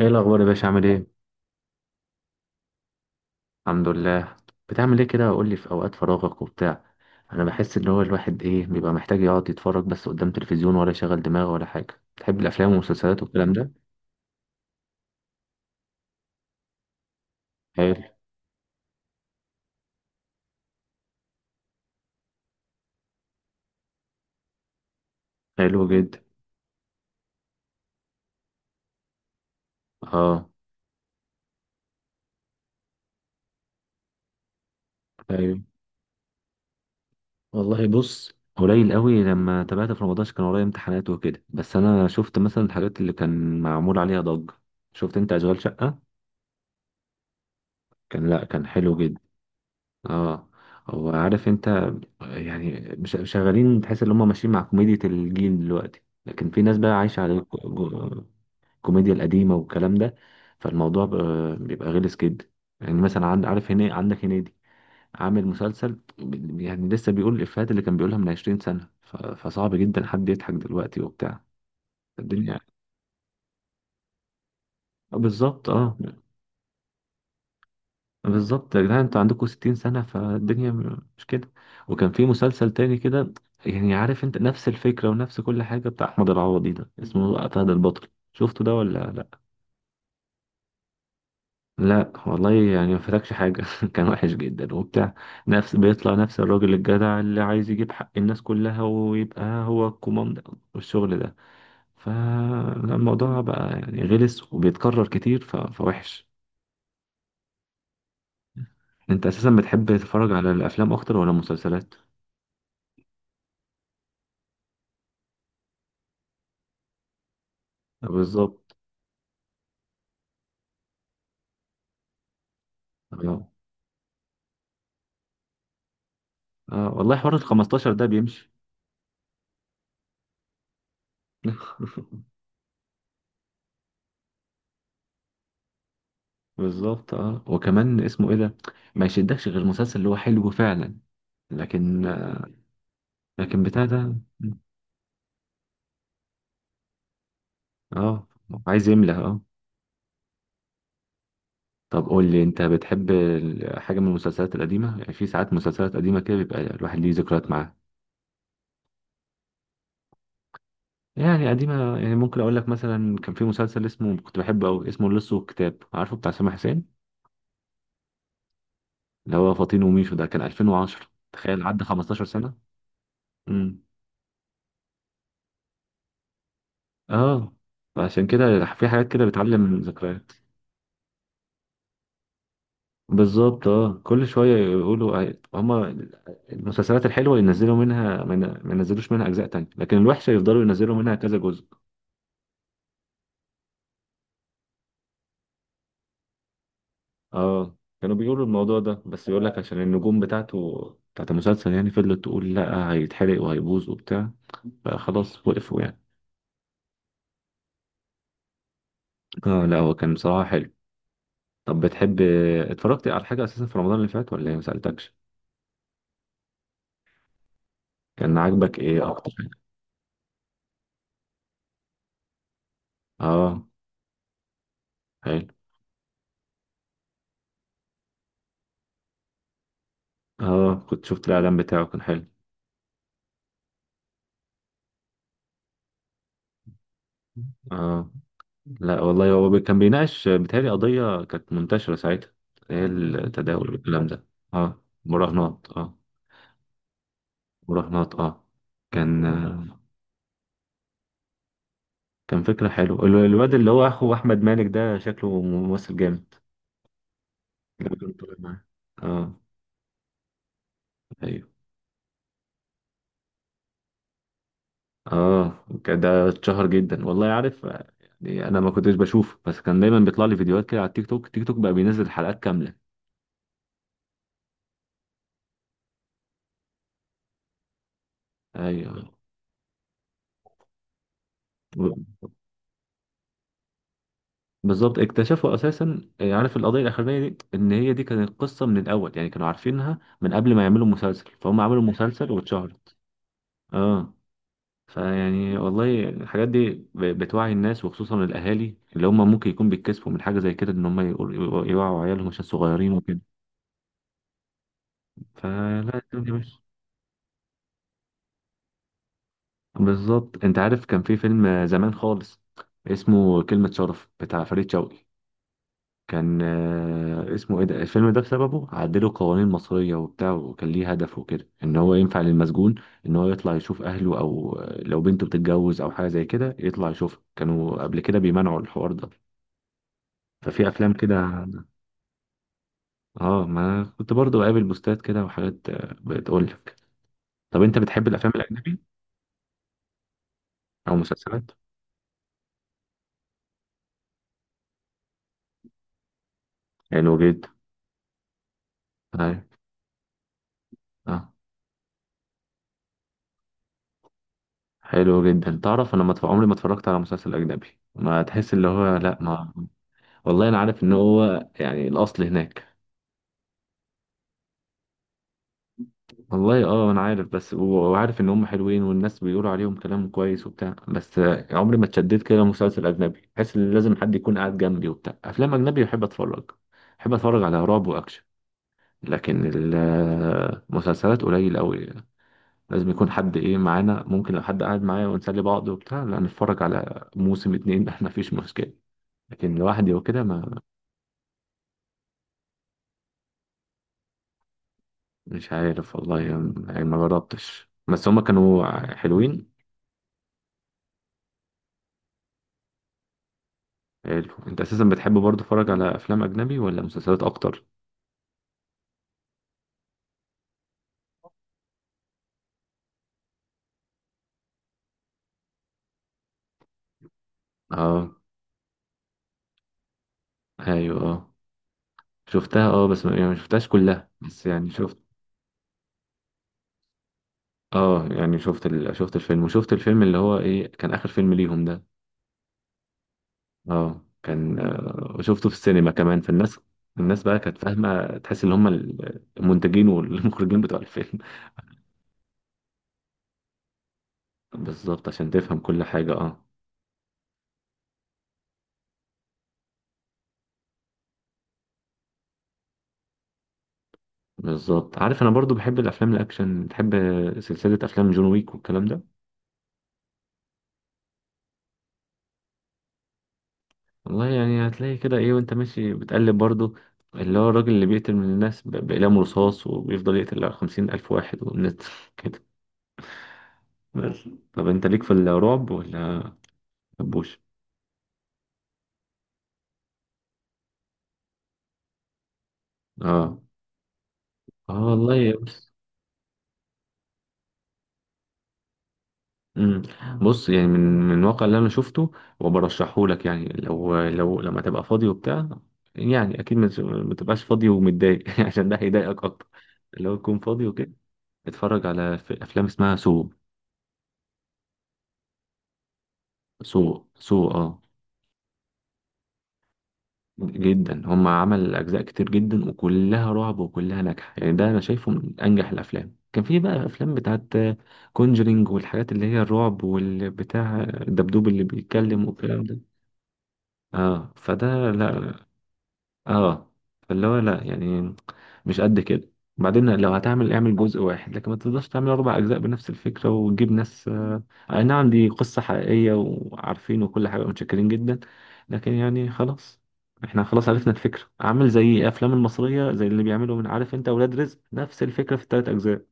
ايه الاخبار يا باشا عامل ايه؟ الحمد لله. بتعمل ايه كده؟ قول لي في اوقات فراغك وبتاع، انا بحس ان هو الواحد ايه بيبقى محتاج يقعد يتفرج بس قدام تلفزيون ولا يشغل دماغه ولا حاجه. تحب الافلام والمسلسلات والكلام ده؟ حلو. حلو جدا. اه. ايوه. والله بص، قليل قوي لما تابعت في رمضان عشان كان ورايا امتحانات وكده، بس انا شفت مثلا الحاجات اللي كان معمول عليها ضجه. شفت انت اشغال شقه؟ كان، لا كان حلو جدا. اه. هو عارف انت يعني شغالين، تحس ان هم ماشيين مع كوميديا الجيل دلوقتي، لكن في ناس بقى عايشة على الكوميديا القديمة والكلام ده. بيبقى غلس جدا. يعني مثلا عند، عارف هنا عندك هنيدي، عامل مسلسل يعني لسه بيقول الإفيهات اللي كان بيقولها من 20 سنة، فصعب جدا حد يضحك دلوقتي وبتاع الدنيا. آه، بالظبط. اه بالظبط يا جدعان، انتوا عندكم 60 سنة، فالدنيا مش كده. وكان في مسلسل تاني كده يعني، عارف انت، نفس الفكرة ونفس كل حاجة، بتاع أحمد العوضي ده، اسمه فهد البطل. شفته ده ولا لا؟ لا والله، يعني ما فاتكش حاجة. كان وحش جدا وبتاع. نفس، بيطلع نفس الراجل الجدع اللي عايز يجيب حق الناس كلها ويبقى هو الكوماندو والشغل ده. فالموضوع بقى يعني غلس وبيتكرر كتير، فوحش. انت اساسا بتحب تتفرج على الافلام اكتر ولا المسلسلات؟ بالظبط. اه. اه والله حوار ال 15 ده بيمشي. بالظبط. اه وكمان اسمه ايه ده، ما يشدكش غير مسلسل اللي هو حلو فعلا. لكن آه، لكن بتاع ده. اه عايز يملى. اه. طب قول لي انت، بتحب حاجه من المسلسلات القديمه؟ يعني في ساعات مسلسلات قديمه كده بيبقى الواحد ليه ذكريات معاها. يعني قديمه، يعني ممكن اقول لك مثلا كان في مسلسل اسمه، كنت بحبه قوي، اسمه اللص والكتاب، عارفه، بتاع سامح حسين، اللي هو فاطين وميشو ده، كان 2010، تخيل عدى 15 سنه. مم. اه. عشان كده في حاجات كده بتعلم من الذكريات. بالظبط. اه كل شويه يقولوا آه، هما المسلسلات الحلوه ينزلوا منها، ما ينزلوش منها اجزاء تانية، لكن الوحشه يفضلوا ينزلوا منها كذا جزء. اه كانوا بيقولوا الموضوع ده، بس يقول لك عشان النجوم بتاعته، بتاعت المسلسل، يعني فضلت تقول لا هيتحرق وهيبوظ وبتاع، فخلاص وقفوا يعني. اه لا، هو كان بصراحه حلو. طب بتحب، اتفرجت على حاجه اساسا في رمضان اللي فات ولا إيه؟ ما سالتكش. كان عاجبك ايه اكتر حاجه؟ اه. حلو. اه كنت شفت الاعلان بتاعه كان حلو. اه لا والله، هو كان بيناقش آه، بيتهيألي قضية كانت منتشرة ساعتها، هي التداول والكلام ده. اه مراهنات اه. مراهنات اه. كان آه، كان فكرة حلوة. الواد اللي هو أخو أحمد مالك ده شكله ممثل جامد. لو كان طالع معاه. اه. أيوه. اه كان ده اتشهر جدا، والله عارف آه، يعني أنا ما كنتش بشوفه، بس كان دايما بيطلع لي فيديوهات كده على التيك توك. التيك توك بقى بينزل حلقات كاملة. أيوه. بالظبط. اكتشفوا اساسا آه، عارف القضيه الاخرانيه دي ان هي دي كانت قصه من الاول، يعني كانوا عارفينها من قبل ما يعملوا مسلسل، فهم عملوا مسلسل واتشهرت. اه. فيعني والله الحاجات دي بتوعي الناس، وخصوصا الاهالي اللي هم ممكن يكون بيتكسفوا من حاجه زي كده، ان هم يوعوا عيالهم عشان صغيرين وكده. فلا، الدنيا مش. بالظبط. انت عارف كان في فيلم زمان خالص اسمه كلمه شرف، بتاع فريد شوقي، كان آه، اسمه ايه ده، الفيلم ده بسببه عدلوا قوانين مصرية وبتاع، وكان ليه هدف وكده، ان هو ينفع للمسجون ان هو يطلع يشوف اهله، او آه، لو بنته بتتجوز او حاجة زي كده يطلع يشوفها، كانوا قبل كده بيمنعوا الحوار ده. ففي افلام كده. اه ما كنت برضو بقابل بوستات كده وحاجات آه، بتقول لك. طب انت بتحب الافلام الاجنبي او مسلسلات؟ حلو جدا. أيوة. اه حلو جدا. تعرف انا ما اتف- عمري ما اتفرجت على مسلسل اجنبي. ما تحس اللي هو لا ما. والله انا عارف ان هو يعني الاصل هناك. والله اه انا عارف بس، وعارف ان هم حلوين والناس بيقولوا عليهم كلام كويس وبتاع، بس آه، عمري ما اتشددت كده. مسلسل اجنبي بحس ان لازم حد يكون قاعد جنبي وبتاع. افلام اجنبي بحب اتفرج. بحب اتفرج على رعب واكشن، لكن المسلسلات قليل قوي. لازم يكون حد ايه معانا. ممكن لو حد قاعد معايا ونسلي بعض وبتاع، لا نتفرج على موسم 2. ما فيش مشكلة، لكن لوحدي وكده ما. مش عارف والله، يعني ما جربتش، بس هما كانوا حلوين. حلو. انت اساسا بتحب برضه تتفرج على افلام اجنبي ولا مسلسلات اكتر؟ اه. ايوه اه. شفتها اه، بس ما، يعني ما شفتهاش كلها، بس يعني شفت. اه يعني شفت ال... شفت الفيلم، وشفت الفيلم اللي هو ايه، كان اخر فيلم ليهم ده. اه كان آه، وشفته في السينما كمان. فالناس، الناس بقى كانت فاهمة، تحس ان هما المنتجين والمخرجين بتوع الفيلم. بالظبط عشان تفهم كل حاجة. اه. بالظبط. عارف انا برضو بحب الافلام الاكشن، بحب سلسله افلام جون ويك والكلام ده. والله يعني هتلاقي كده ايه وانت ماشي بتقلب برضو، اللي هو الراجل اللي بيقتل من الناس باقلام رصاص، وبيفضل يقتل 50 ألف واحد والناس كده. بس طب انت ليك في الرعب ولا مبوش؟ اه. اه والله. امم بص يعني، من الواقع اللي انا شفته وبرشحه لك، يعني لو لما تبقى فاضي وبتاع، يعني اكيد ما تبقاش فاضي ومتضايق عشان ده هيضايقك اكتر. لو تكون فاضي وكده اتفرج على افلام اسمها سو. سو سو اه، جدا. هم عمل اجزاء كتير جدا وكلها رعب وكلها ناجحه، يعني ده انا شايفه من انجح الافلام. كان في بقى افلام بتاعت كونجرينج، والحاجات اللي هي الرعب والبتاع الدبدوب اللي بيتكلم والكلام ده. اه. فده لا. اه فاللي هو لا يعني مش قد كده. بعدين لو هتعمل اعمل جزء واحد، لكن ما تقدرش تعمل 4 أجزاء بنفس الفكره وتجيب ناس آه، اي نعم دي قصه حقيقيه وعارفين وكل حاجه، متشكرين جدا. لكن يعني خلاص، احنا خلاص عرفنا الفكره. عامل زي الافلام المصريه، زي اللي بيعملوا من، عارف انت، اولاد رزق نفس الفكره في الـ3 أجزاء.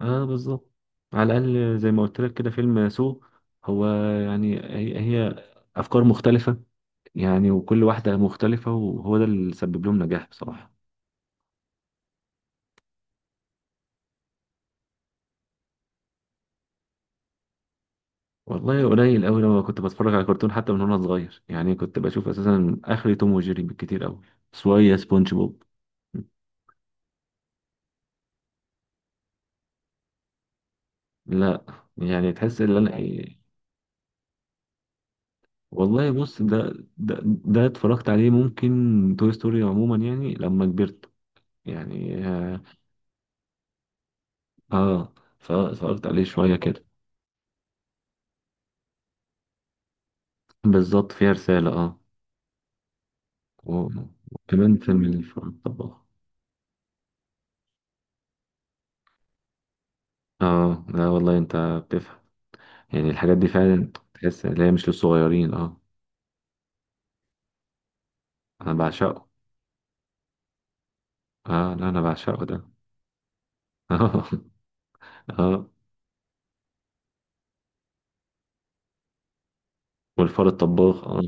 اه. بالظبط. على الاقل زي ما قلت لك كده، فيلم سو، هو يعني، هي افكار مختلفه، يعني وكل واحدة مختلفة، وهو ده اللي سبب لهم نجاح بصراحة. والله قليل قوي لما كنت بتفرج على كرتون، حتى من وانا صغير يعني، كنت بشوف اساسا اخري توم وجيري بالكتير قوي، شوية سبونج بوب. لا يعني، تحس ان انا إيه. والله بص ده، اتفرجت عليه، ممكن توي ستوري عموما يعني لما كبرت. يعني اه. آه، فاتفرجت عليه شوية كده. بالظبط فيها رسالة اه. و- وكمان فيلم الفار الطباخ. اه لا والله انت بتفهم، يعني الحاجات دي فعلا تحس ان هي مش للصغيرين اه. انا بعشقه. اه لا انا بعشقه ده. اه. اه والفار الطباخ اه.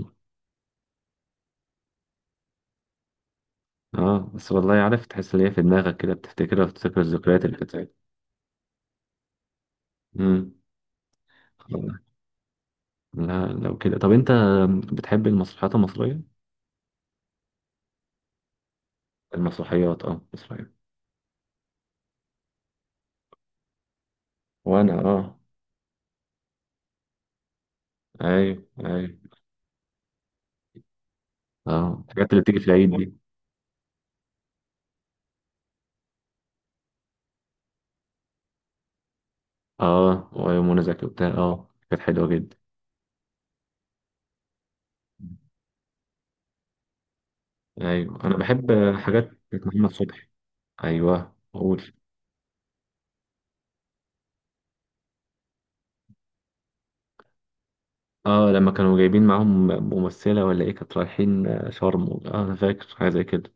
اه بس والله عارف، تحس ان هي في دماغك كده بتفتكرها وتفتكر الذكريات اللي كانت ساعتها. امم. خلاص. لا لو كده طب انت بتحب المسرحيات المصرية؟ المسرحيات، اه المصرية. وانا اه. ايوه ايوه. اه الحاجات اللي بتيجي في العيد دي. اه ومنى زكي وبتاع، اه كانت حلوة جدا. ايوه انا بحب حاجات بتاعت محمد صبحي. ايوه قول. اه لما كانوا جايبين معاهم ممثله ولا ايه، كانت رايحين آه، شرم اه، انا فاكر حاجه زي كده.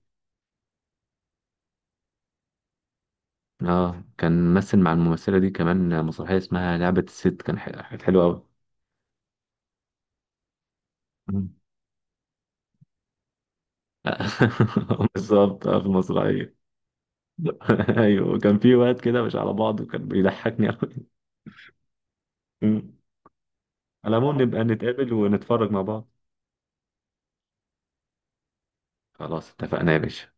اه كان ممثل مع الممثله دي كمان مسرحيه اسمها لعبه الست، كان كانت حلوه قوي. بالظبط اه في المسرحيه. ايوه كان في وقت كده مش على بعض، وكان بيضحكني قوي. على العموم نبقى نتقابل ونتفرج مع بعض. خلاص اتفقنا يا باشا.